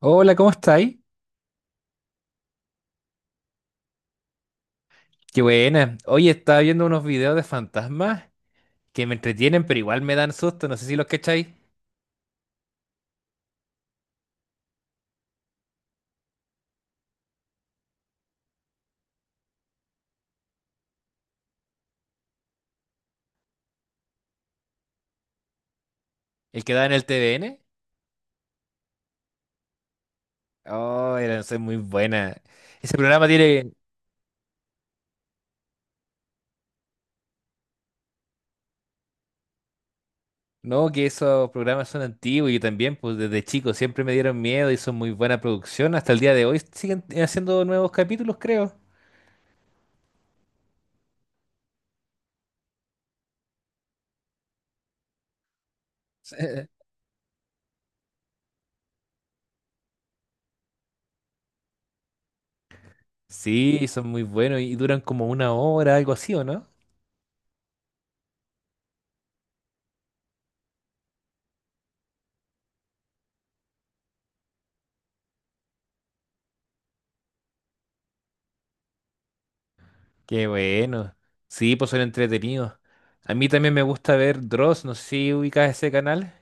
Hola, ¿cómo estáis? Qué buena. Oye, estaba viendo unos videos de fantasmas que me entretienen, pero igual me dan susto. No sé si los cacháis. El que da en el TVN. Oh, era es muy buena. Ese programa tiene. No, que esos programas son antiguos y yo también, pues desde chico siempre me dieron miedo y son muy buena producción. Hasta el día de hoy siguen haciendo nuevos capítulos, creo. Sí, son muy buenos y duran como una hora, algo así, ¿o no? Qué bueno. Sí, pues son entretenidos. A mí también me gusta ver Dross, no sé si ubicas ese canal.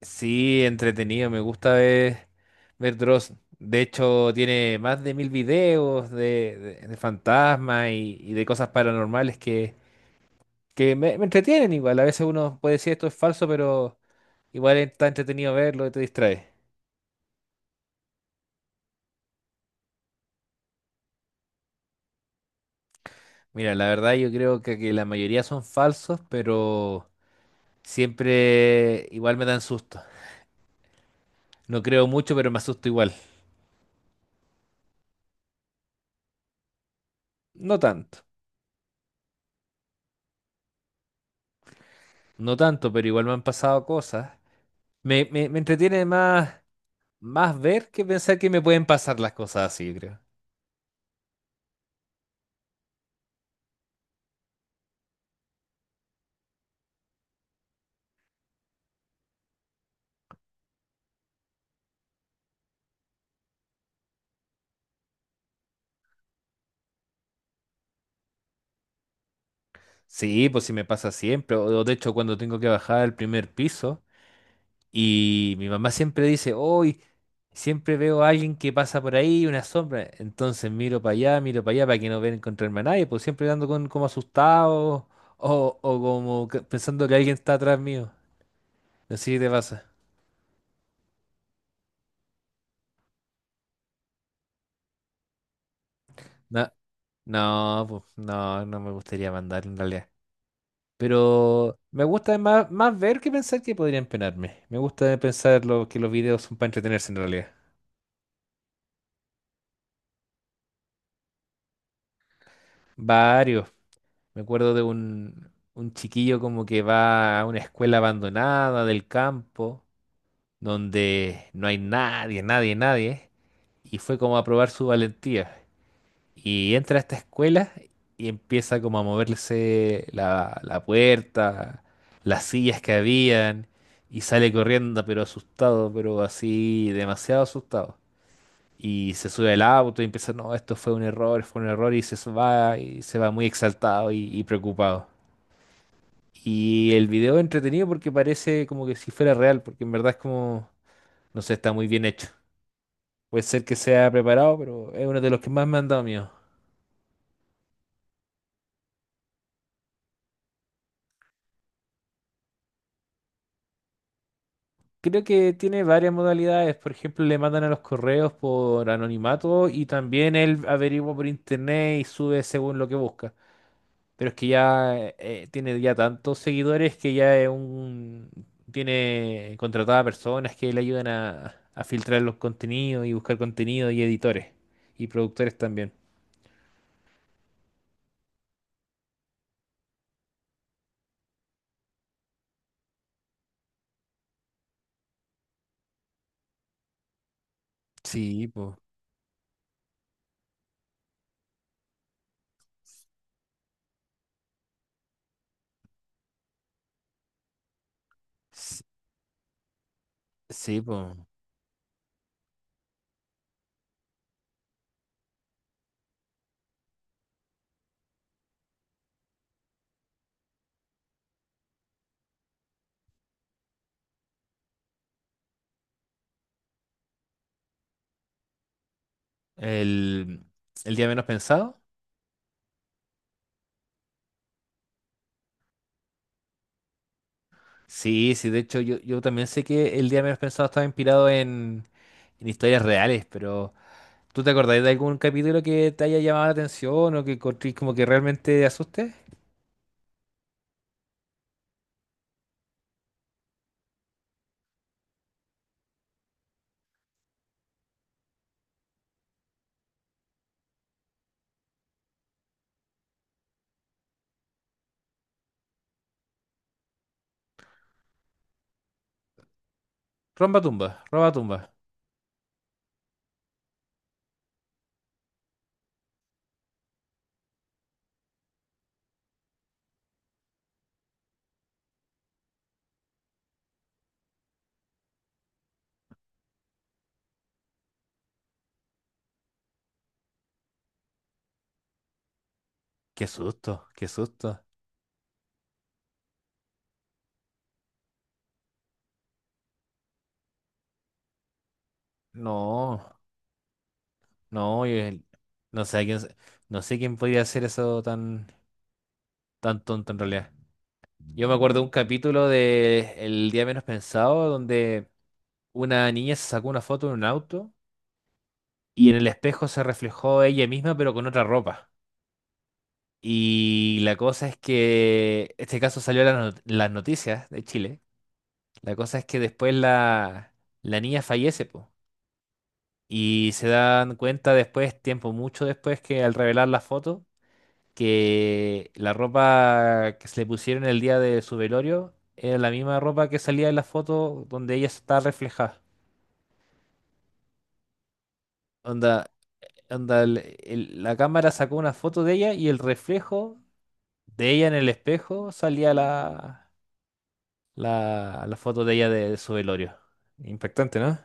Sí, entretenido, me gusta ver, ver Dross. De hecho, tiene más de mil videos de fantasmas y de cosas paranormales que, que me entretienen igual. A veces uno puede decir esto es falso, pero igual está entretenido verlo y te distrae. Mira, la verdad yo creo que la mayoría son falsos, pero siempre igual me dan susto. No creo mucho, pero me asusto igual. No tanto, no tanto, pero igual me han pasado cosas. Me entretiene más, más ver que pensar que me pueden pasar las cosas así, yo creo. Sí, pues sí me pasa siempre. O de hecho, cuando tengo que bajar al primer piso y mi mamá siempre dice, hoy siempre veo a alguien que pasa por ahí, una sombra. Entonces miro para allá para que no vean encontrarme a nadie, pues siempre ando con, como asustado o, pensando que alguien está atrás mío. Así te pasa. Na- No, pues, no me gustaría mandar en realidad. Pero me gusta más, más ver que pensar que podrían penarme. Me gusta pensar lo, que los videos son para entretenerse en realidad. Varios. Me acuerdo de un chiquillo como que va a una escuela abandonada del campo, donde no hay nadie, nadie, nadie. Y fue como a probar su valentía. Y entra a esta escuela y empieza como a moverse la puerta, las sillas que habían, y sale corriendo, pero asustado, pero así demasiado asustado. Y se sube al auto y empieza, no, esto fue un error, y se va muy exaltado y preocupado. Y el video es entretenido porque parece como que si fuera real, porque en verdad es como, no sé, está muy bien hecho. Puede ser que sea preparado, pero es uno de los que más me han dado miedo. Creo que tiene varias modalidades. Por ejemplo, le mandan a los correos por anonimato y también él averigua por internet y sube según lo que busca. Pero es que ya tiene ya tantos seguidores que ya es un... tiene contratadas personas que le ayudan a filtrar los contenidos y buscar contenido y editores y productores también. Sí, pues. Sí, pues. El, el día menos pensado. Sí, sí, de hecho yo, yo también sé que el día menos pensado estaba inspirado en historias reales, pero ¿tú te acordás de algún capítulo que te haya llamado la atención o que encontrís como que realmente te asuste? Romba tumba, roba tumba. Qué susto, qué susto. No, no, no sé a quién, no sé quién podría hacer eso tan, tan tonto en realidad. Yo me acuerdo de un capítulo de El día menos pensado donde una niña se sacó una foto en un auto y en el espejo se reflejó ella misma, pero con otra ropa. Y la cosa es que este caso salió en las las noticias de Chile. La cosa es que después la, la niña fallece, po. Y se dan cuenta después, tiempo mucho después, que al revelar la foto, que la ropa que se le pusieron el día de su velorio era la misma ropa que salía en la foto donde ella está reflejada. Onda, onda la cámara sacó una foto de ella y el reflejo de ella en el espejo salía la, la foto de ella de su velorio. Impactante, ¿no?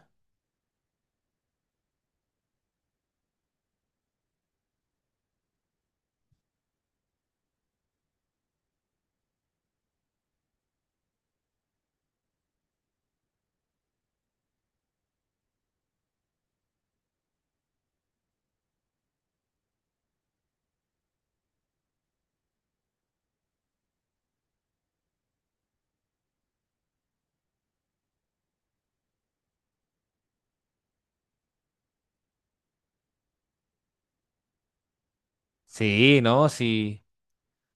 Sí, no, sí.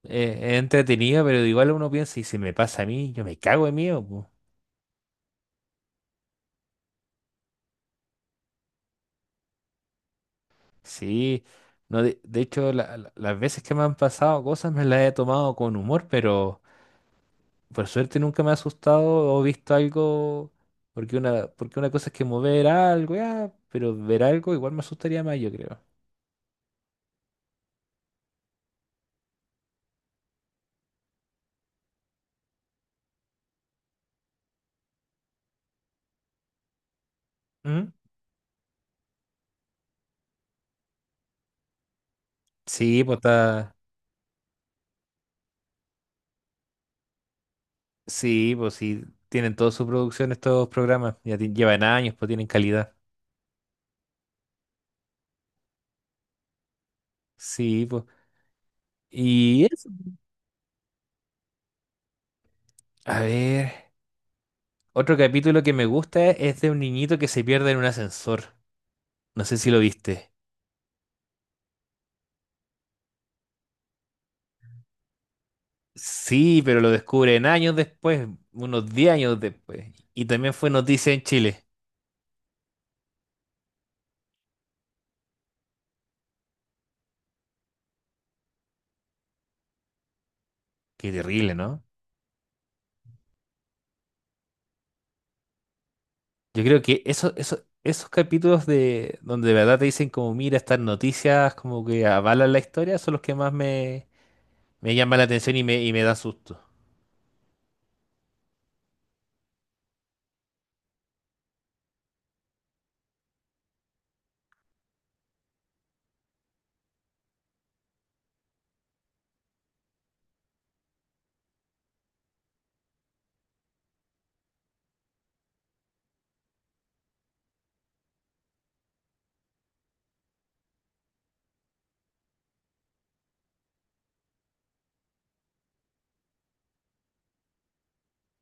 es entretenido, pero igual uno piensa, y si me pasa a mí, yo me cago en mí. O po". Sí. No, de hecho, las veces que me han pasado cosas me las he tomado con humor, pero por suerte nunca me ha asustado o visto algo. Porque una cosa es que mover algo, ya, pero ver algo igual me asustaría más, yo creo. ¿Mm? Sí, pues está. Sí, pues sí, tienen toda su producción estos programas, llevan años, pues tienen calidad. Sí, pues. Y eso. A ver, otro capítulo que me gusta es de un niñito que se pierde en un ascensor. No sé si lo viste. Sí, pero lo descubren años después, unos 10 años después. Y también fue noticia en Chile. Qué terrible, ¿no? Yo creo que eso, esos capítulos de donde de verdad te dicen como, mira, estas noticias como que avalan la historia, son los que más me me llama la atención y me da susto.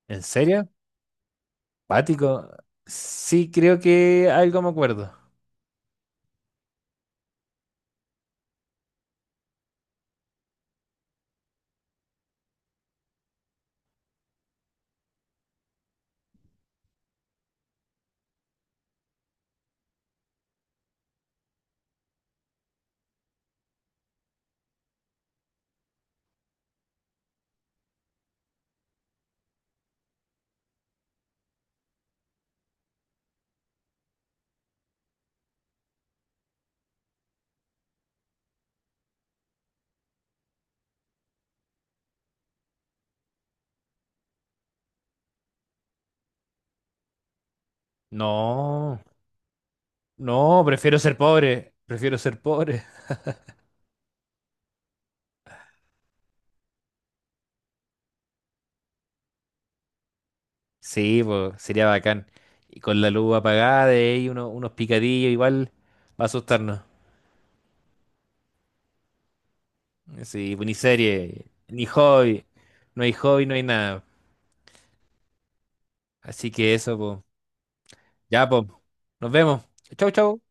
¿En serio? ¿Pático? Sí, creo que algo me acuerdo. No, no, prefiero ser pobre. Prefiero ser pobre. Sí, pues sería bacán. Y con la luz apagada y ahí unos picadillos igual va a asustarnos. Sí, pues ni serie, ni hobby. No hay hobby, no hay nada. Así que eso, pues. Ya, pues. Nos vemos. Chau, chau.